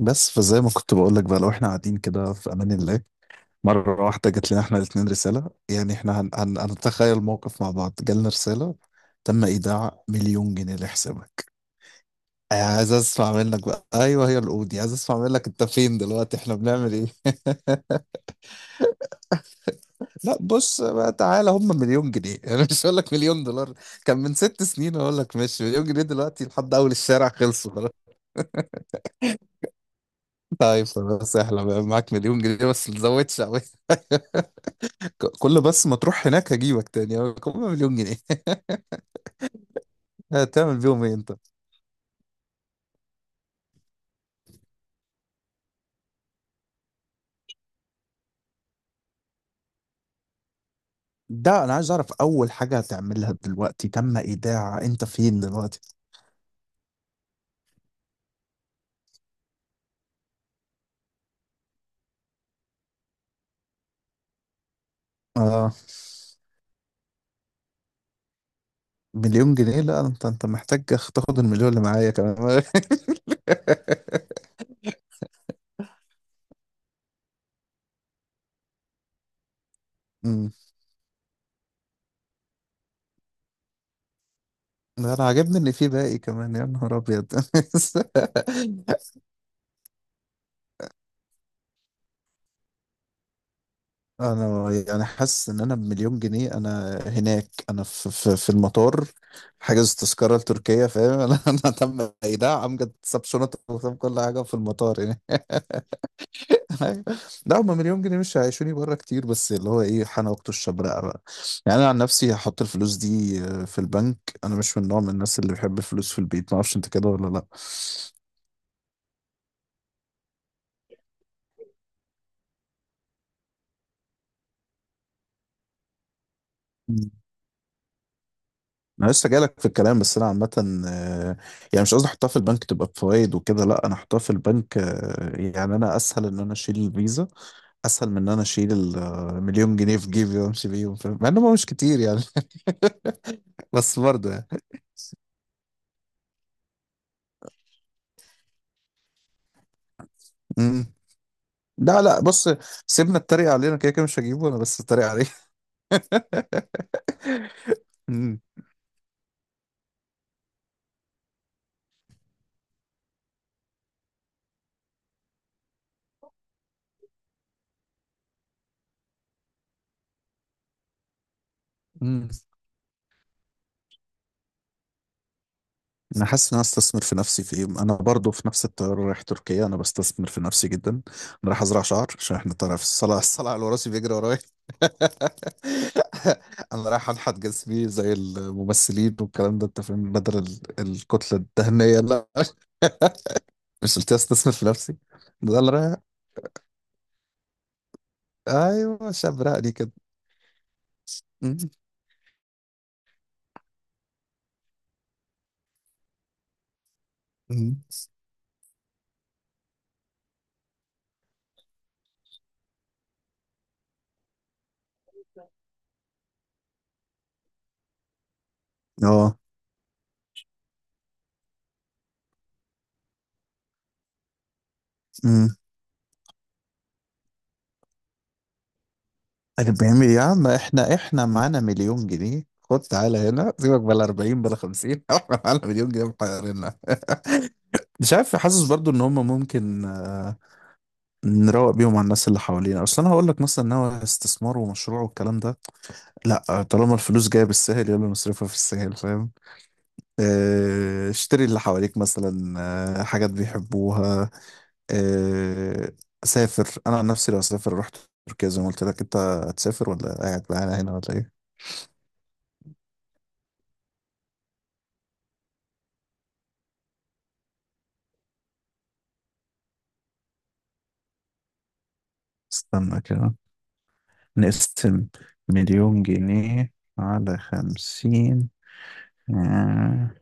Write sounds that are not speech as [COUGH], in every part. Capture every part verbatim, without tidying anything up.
بس فزي ما كنت بقول لك بقى، لو احنا قاعدين كده في امان الله. مره واحده جت لنا احنا الاثنين رساله، يعني احنا هن... هن... هنتخيل موقف مع بعض جالنا رساله: تم ايداع مليون جنيه لحسابك. آه، عايز اسمع منك بقى، ايوه هي القودي، عايز اسمع منك انت فين دلوقتي، احنا بنعمل ايه؟ [LAUGHS] لا بص بقى تعالى، هم مليون جنيه [LAUGHS] انا مش هقول لك مليون دولار، كان من ست سنين اقول لك ماشي. مليون جنيه دلوقتي لحد اول الشارع خلصوا خلاص. [LAUGHS] طيب خلاص، احلى بقى معاك مليون جنيه بس ما تزودش. ك- كل بس ما تروح هناك هجيبك تاني، هجيبك مليون جنيه. [LAUGHS] هتعمل بيهم ايه انت؟ ده انا عايز اعرف اول حاجة هتعملها دلوقتي، تم ايداع، انت فين دلوقتي؟ اه مليون جنيه، لا انت انت محتاج تاخد المليون اللي معايا كمان. [LAUGHS] امم ده انا عاجبني ان في باقي كمان، يا نهار ابيض. [LAUGHS] انا يعني حاسس ان انا بمليون جنيه انا هناك، انا في في, في المطار، حاجز تذكره لتركيا فاهم. [LAUGHS] انا انا تم ايداع، امجد ساب شنط وساب كل حاجه في المطار يعني. [LAUGHS] لا هم مليون جنيه مش هيعيشوني بره كتير، بس اللي هو ايه، حان وقت الشبرقه بقى. يعني انا عن نفسي هحط الفلوس دي آه، في البنك. انا مش من نوع من الناس اللي بيحب الفلوس في البيت، ما اعرفش انت كده ولا. لا انا لسه جايلك في الكلام، بس انا عامه آه، يعني مش قصدي احطها في البنك تبقى بفوائد وكده، لا انا احطها في البنك آه، يعني انا اسهل ان انا اشيل الفيزا، اسهل من ان انا اشيل المليون جنيه في جيبي وامشي بيهم فاهم؟ مع انهم مش كتير يعني. [LAUGHS] بس برضه يعني، مم. لا لا بص، سيبنا التريق علينا كده كده، مش هجيبه انا بس اتريق عليه. [LAUGHS] مم. مم. انا حاسس ان انا استثمر في نفسي في ايه، انا برضو في نفس الطياره رايح تركيا، انا بستثمر في نفسي جدا، انا رايح ازرع شعر عشان احنا طالع في الصلاه، الصلاه على راسي بيجري ورايا. [LAUGHS] انا رايح انحت جسمي زي الممثلين والكلام ده انت فاهم، بدل ال- الكتله الدهنيه لا. [LAUGHS] مش قلت استثمر في نفسي، ده اللي رايح. ايوه شاب رقلي كده. م- م. اه م. اللي بيعمل يا عم، احنا احنا معانا مليون جنيه، خد تعالى هنا سيبك بلا أربعين بلا خمسين [LAUGHS] احنا معانا مليون جنيه محيرنا، مش عارف. حاسس برضو ان هم ممكن آه، نروق بيهم على الناس اللي حوالينا، اصل انا هقول لك مثلا ان هو استثمار ومشروع والكلام ده لا، طالما الفلوس جايه بالسهل يلا نصرفها في السهل فاهم، آه، اشتري اللي حواليك مثلا، آه، حاجات بيحبوها، آه، سافر انا عن نفسي لو اسافر رحت تركيا زي ما قلت لك. انت هتسافر ولا قاعد معانا هنا ولا ايه؟ استنى كده، نقسم مليون جنيه على خمسين. آه.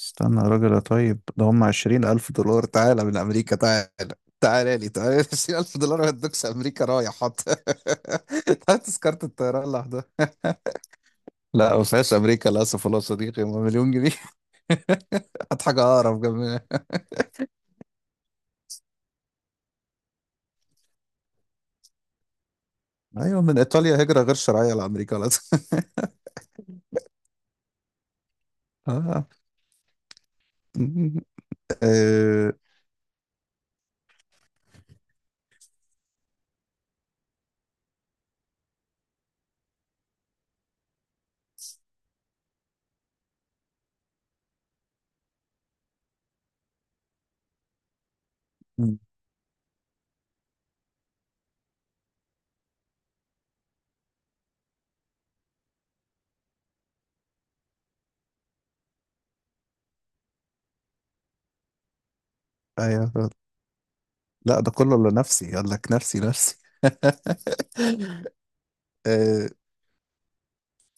استنى يا راجل يا طيب، ده هم عشرين ألف دولار، تعالى من أمريكا تعالى، تعالى لي تعالى. [LAUGHS] عشرين ألف دولار هتدوكس أمريكا، رايح حط. [LAUGHS] هات تذكرة الطيران لوحدها، لا ما فيهاش أمريكا للأسف، والله يا صديقي هم مليون جنيه. [LAUGHS] هات حاجة أقرب جنبنا. أيوة، من إيطاليا هجرة غير شرعية لأمريكا للأسف. [LAUGHS] آه. آه. أيوة، لا ده كله لنفسي، قال لك نفسي نفسي. [LAUGHS] آه.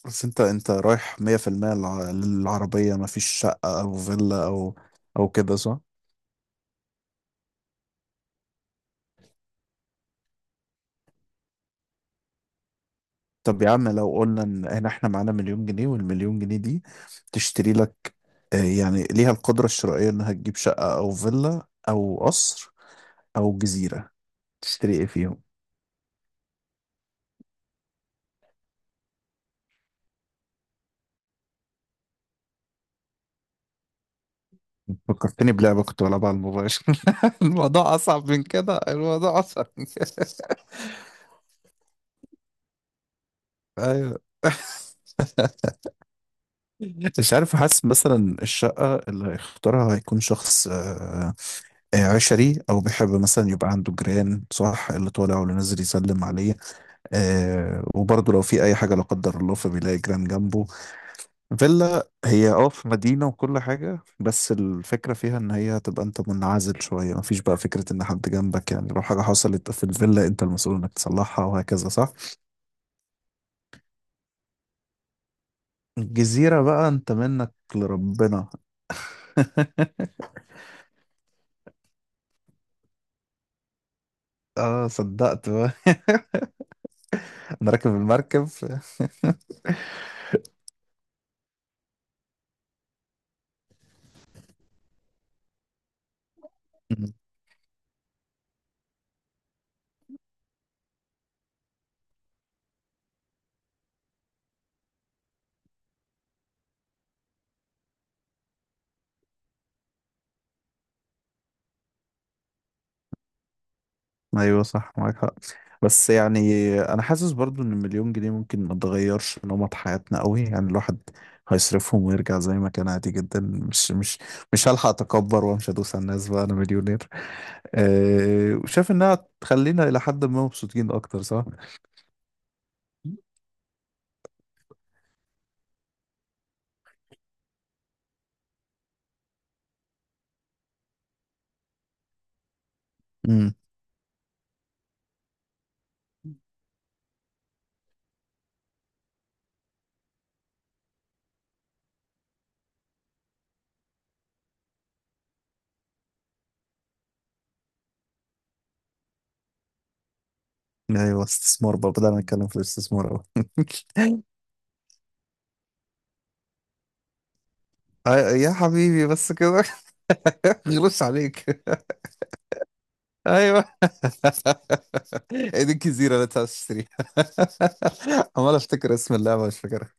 بس انت انت رايح مية في المية الع- للعربية، مفيش شقة او فيلا او او كده صح؟ طب يا عم لو قلنا ان هنا احنا معانا مليون جنيه، والمليون جنيه دي تشتري لك آه، يعني ليها القدرة الشرائية انها تجيب شقة او فيلا او قصر او جزيرة، تشتري ايه فيهم؟ فكرتني بلعبة كنت بلعبها على الموبايل. [LAUGHS] الموضوع اصعب من كده، الموضوع اصعب من كده. ايوه. مش عارف، حاسس مثلا الشقة اللي هيختارها هيكون شخص آه، آه، عشري، أو بيحب مثلا يبقى عنده جيران، صح؟ اللي طالع واللي نازل يسلم عليه، آه، وبرضه لو في أي حاجة لا قدر الله فبيلاقي جيران جنبه. فيلا هي اه في مدينة وكل حاجة، بس الفكرة فيها إن هي تبقى أنت منعزل شوية، مفيش بقى فكرة إن حد جنبك، يعني لو حاجة حصلت في الفيلا أنت المسؤول إنك تصلحها وهكذا صح. الجزيرة بقى أنت منك لربنا. [LAUGHS] اه صدقت، انا راكب المركب. مم. ايوه صح معاك حق، بس يعني انا حاسس برضو ان المليون جنيه ممكن ما تغيرش نمط حياتنا قوي، يعني الواحد هيصرفهم ويرجع زي ما كان عادي جدا، مش مش مش هلحق اتكبر وامشي ادوس على الناس بقى انا مليونير. أه، وشايف انها تخلينا الى حد ما مبسوطين اكتر صح؟ امم. ايوه استثمار بقى، بدأنا نتكلم في الاستثمار قوي. [LAUGHS] يا حبيبي بس كده. [LAUGHS] غلوش عليك. ايوه. [LAUGHS] ايدين كثيره لا تشتري. [LAUGHS] عمال افتكر اسم اللعبه مش فاكرها.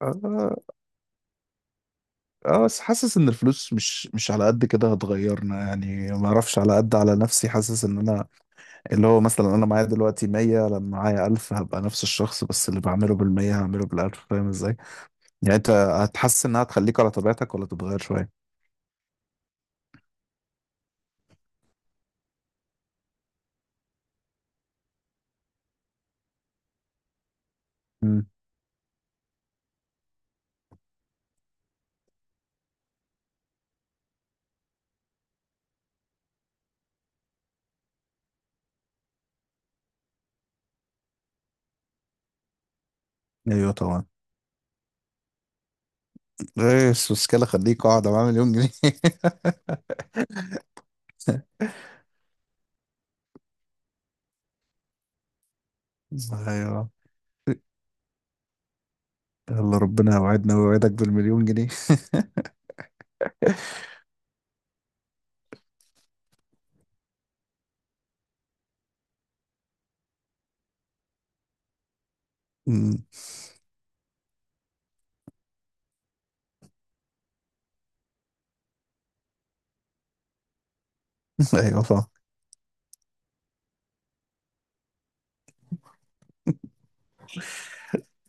اه آه، بس حاسس ان الفلوس مش مش على قد كده هتغيرنا، يعني ما اعرفش، على قد على نفسي حاسس ان انا، اللي هو مثلا انا معايا دلوقتي مية لما معايا ألف هبقى نفس الشخص، بس اللي بعمله بالمية هعمله بالألف فاهم ازاي؟ يعني انت هتحس انها تخليك على طبيعتك ولا تتغير شويه؟ امم. ايوه طبعا. ايه السوسكالة خليك اقعد معاه مليون جنيه. [LAUGHS] ايوه. يلا ربنا يوعدنا ويوعدك بالمليون جنيه. أمم، [LAUGHS] ايوه فاهم.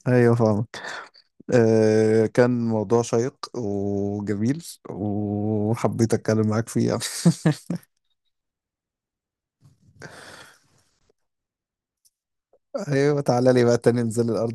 ايوه فاهمك. آه كان موضوع شيق وجميل، وحبيت اتكلم معاك فيه. [LAUGHS] ايوه تعالى لي بقى تاني ننزل الارض